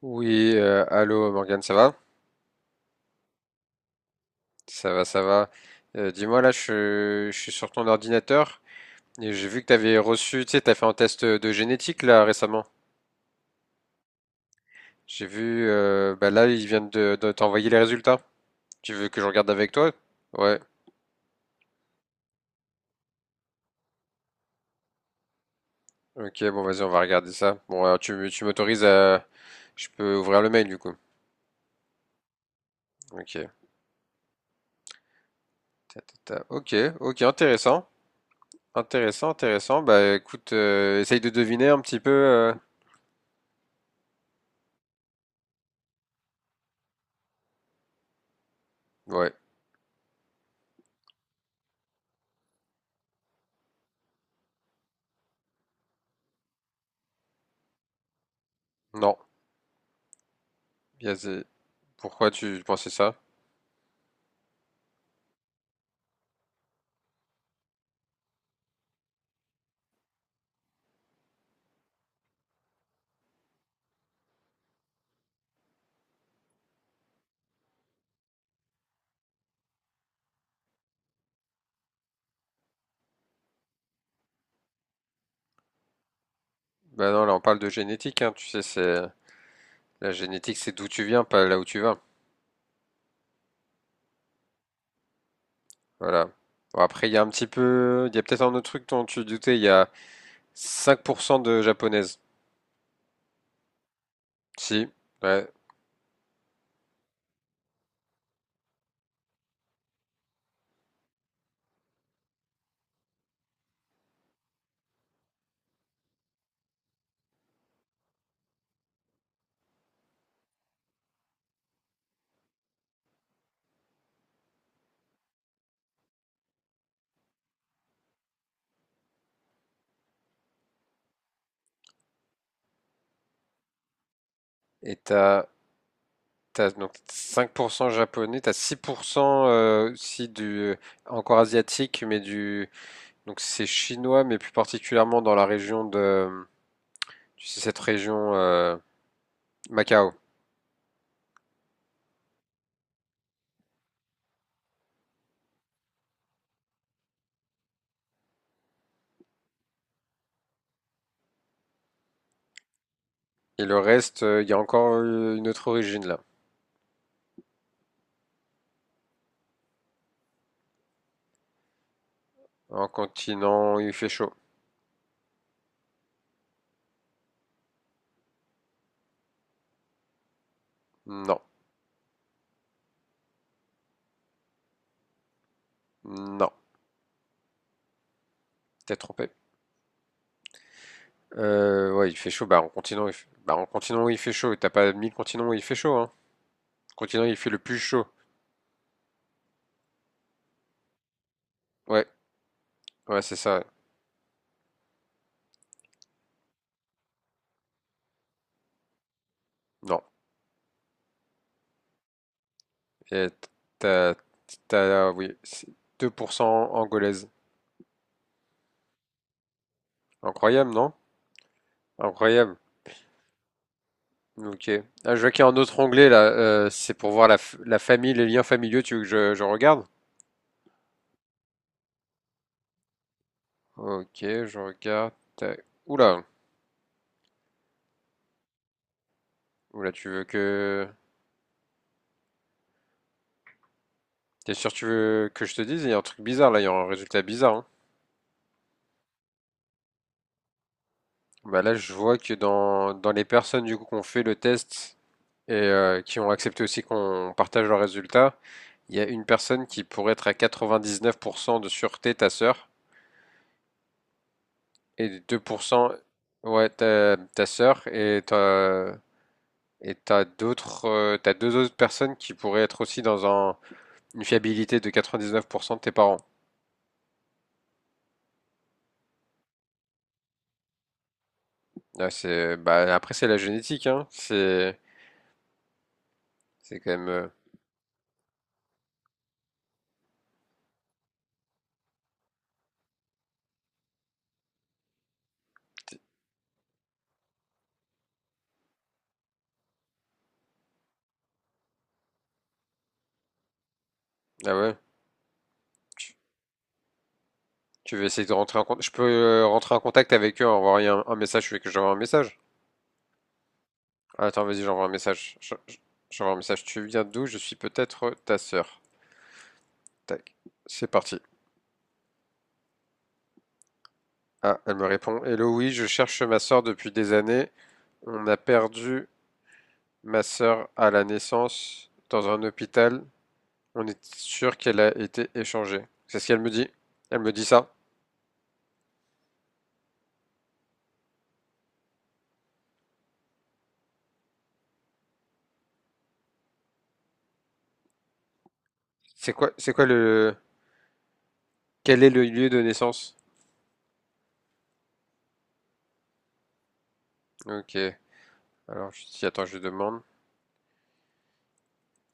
Oui, allô Morgane, ça va? Ça va, ça va. Dis-moi, là, je suis sur ton ordinateur et j'ai vu que tu avais reçu, tu sais, tu as fait un test de génétique là récemment. J'ai vu, bah là, ils viennent de t'envoyer les résultats. Tu veux que je regarde avec toi? Ouais, ok, bon, vas-y, on va regarder ça. Bon, alors, tu m'autorises à. Je peux ouvrir le mail du coup. Ok, ta, ta, ta. Ok, ok, intéressant. Intéressant, intéressant. Bah écoute, essaye de deviner un petit peu. Ouais, non, Yazé. Pourquoi tu pensais ça? Bah non, là on parle de génétique, hein, tu sais, c'est la génétique, c'est d'où tu viens, pas là où tu vas. Voilà. Bon, après, il y a un petit peu, il y a peut-être un autre truc dont tu doutais, il y a 5% de japonaises. Si, ouais. Et t'as, donc 5% japonais, t'as 6% aussi du, euh, encore asiatique, mais du, donc c'est chinois, mais plus particulièrement dans la région de, tu sais, cette région, Macao. Et le reste, il y a encore une autre origine là. En continent, il fait chaud. Non, non, t'es trompé. Ouais, il fait chaud. Bah, en continent, il fait... bah, en continent, il fait chaud. T'as pas mis le continent où il fait chaud, hein. Continent, il fait le plus chaud. Ouais, ouais, c'est ça. Non. Et t'as, t'as, oui, c'est 2% angolaise. Incroyable, non? Incroyable. Ok. Ah, je vois qu'il y a un autre onglet là. C'est pour voir la famille, les liens familiaux. Tu veux que je regarde? Ok, je regarde. Tac. Oula. Oula, tu veux que. T'es sûr que tu veux que je te dise? Il y a un truc bizarre là, il y a un résultat bizarre, hein. Bah là, je vois que dans les personnes du coup qu'on fait le test et qui ont accepté aussi qu'on partage leurs résultats, il y a une personne qui pourrait être à 99% de sûreté, ta sœur, et 2%, ouais, ta sœur, et t'as d'autres, t'as deux autres personnes qui pourraient être aussi une fiabilité de 99% de tes parents. Ah, c'est, bah, après, c'est la génétique, hein. C'est quand même. Ah ouais. Tu tu veux essayer de rentrer en contact? Je peux rentrer en contact avec eux, envoyer un message. Tu veux que j'envoie un message? Attends, vas-y, j'envoie un message. J'envoie un message. Tu viens d'où? Je suis peut-être ta sœur. Tac. C'est parti. Ah, elle me répond. Hello, oui, je cherche ma sœur depuis des années. On a perdu ma sœur à la naissance dans un hôpital. On est sûr qu'elle a été échangée. C'est ce qu'elle me dit. Elle me dit ça. C'est quoi, c'est quoi le, quel est le lieu de naissance? Ok. Alors, je dis, attends, je demande.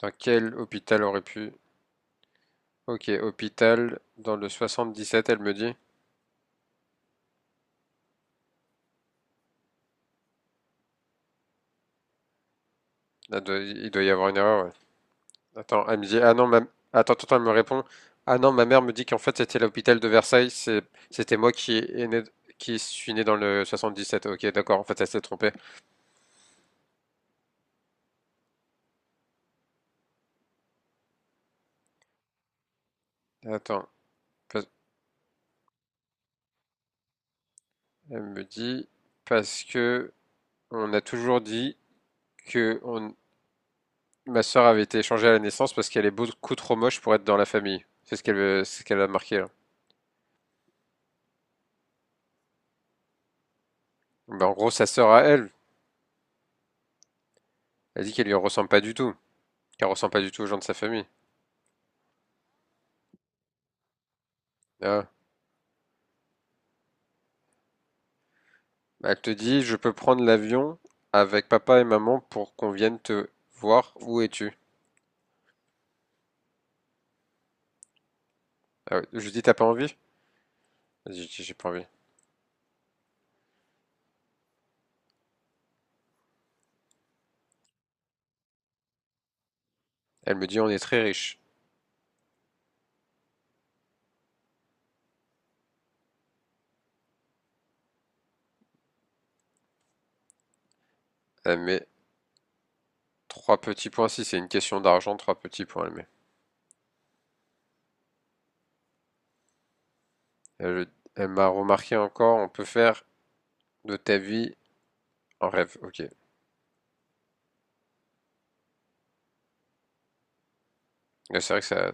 Dans quel hôpital aurait pu... Ok, hôpital dans le 77, elle me dit. Là, il doit y avoir une erreur, ouais. Attends, elle me dit. Ah non, ma... attends, attends, elle me répond. Ah non, ma mère me dit qu'en fait c'était l'hôpital de Versailles. C'est... C'était moi qui est né... qui suis né dans le 77. Ok, d'accord. En fait, elle s'est trompée. Attends, parce- elle me dit parce que on a toujours dit que on... ma sœur avait été échangée à la naissance parce qu'elle est beaucoup trop moche pour être dans la famille. C'est ce qu'elle a marqué là. Ben, en gros, sa sœur à elle, elle dit qu'elle lui ressemble pas du tout, qu'elle ressemble pas du tout aux gens de sa famille. Ah. Elle te dit, je peux prendre l'avion avec papa et maman pour qu'on vienne te voir. Où es-tu? Ah ouais. Je lui dis, t'as pas envie? Elle dit, j'ai pas envie. Elle me dit, on est très riche. Elle met trois petits points. Si c'est une question d'argent, trois petits points, elle met. Elle, elle m'a remarqué encore, on peut faire de ta vie un rêve. Ok. Ouais, c'est vrai que ça.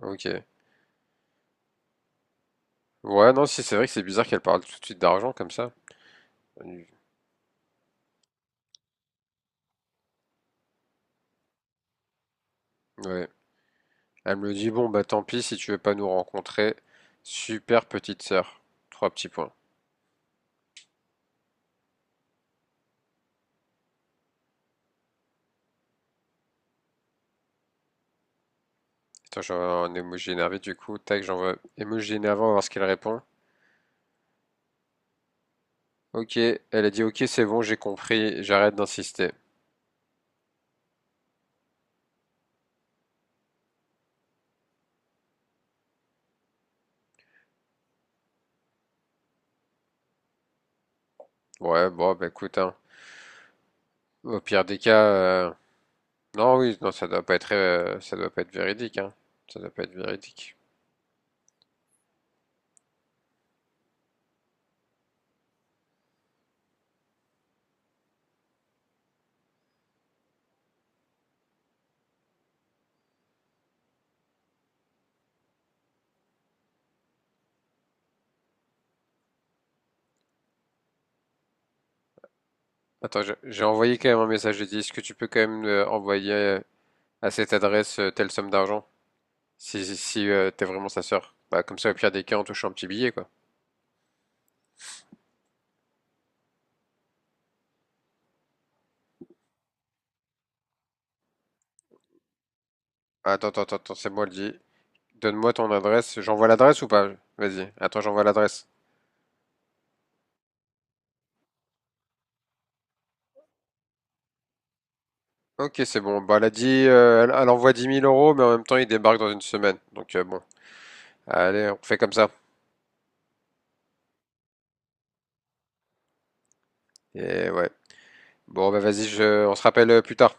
Ok. Ouais, non, si c'est vrai que c'est bizarre qu'elle parle tout de suite d'argent comme ça. Ouais, elle me dit, bon, bah tant pis si tu veux pas nous rencontrer. Super petite sœur. Trois petits points. Attends, j'envoie un emoji énervé du coup. Tac, j'envoie emoji énervé, on va voir ce qu'elle répond. Ok, elle a dit, ok, c'est bon, j'ai compris, j'arrête d'insister. Ouais, bon, bah écoute, hein. Au pire des cas, non, oui, non, ça doit pas être véridique, hein. Ça doit pas être véridique. Attends, j'ai envoyé quand même un message. J'ai dit, est-ce que tu peux quand même envoyer à cette adresse telle somme d'argent? Si, si, si, t'es vraiment sa sœur. Bah, comme ça, au pire des cas, on touche un petit billet, quoi. Attends, attends, attends, attends, c'est moi le dit. Donne-moi ton adresse. J'envoie l'adresse ou pas? Vas-y. Attends, j'envoie l'adresse. Ok, c'est bon. Bah, elle a dit, elle envoie dix mille euros, mais en même temps, il débarque dans une semaine. Donc, bon. Allez, on fait comme ça. Et ouais. Bon, bah, vas-y, je... on se rappelle plus tard.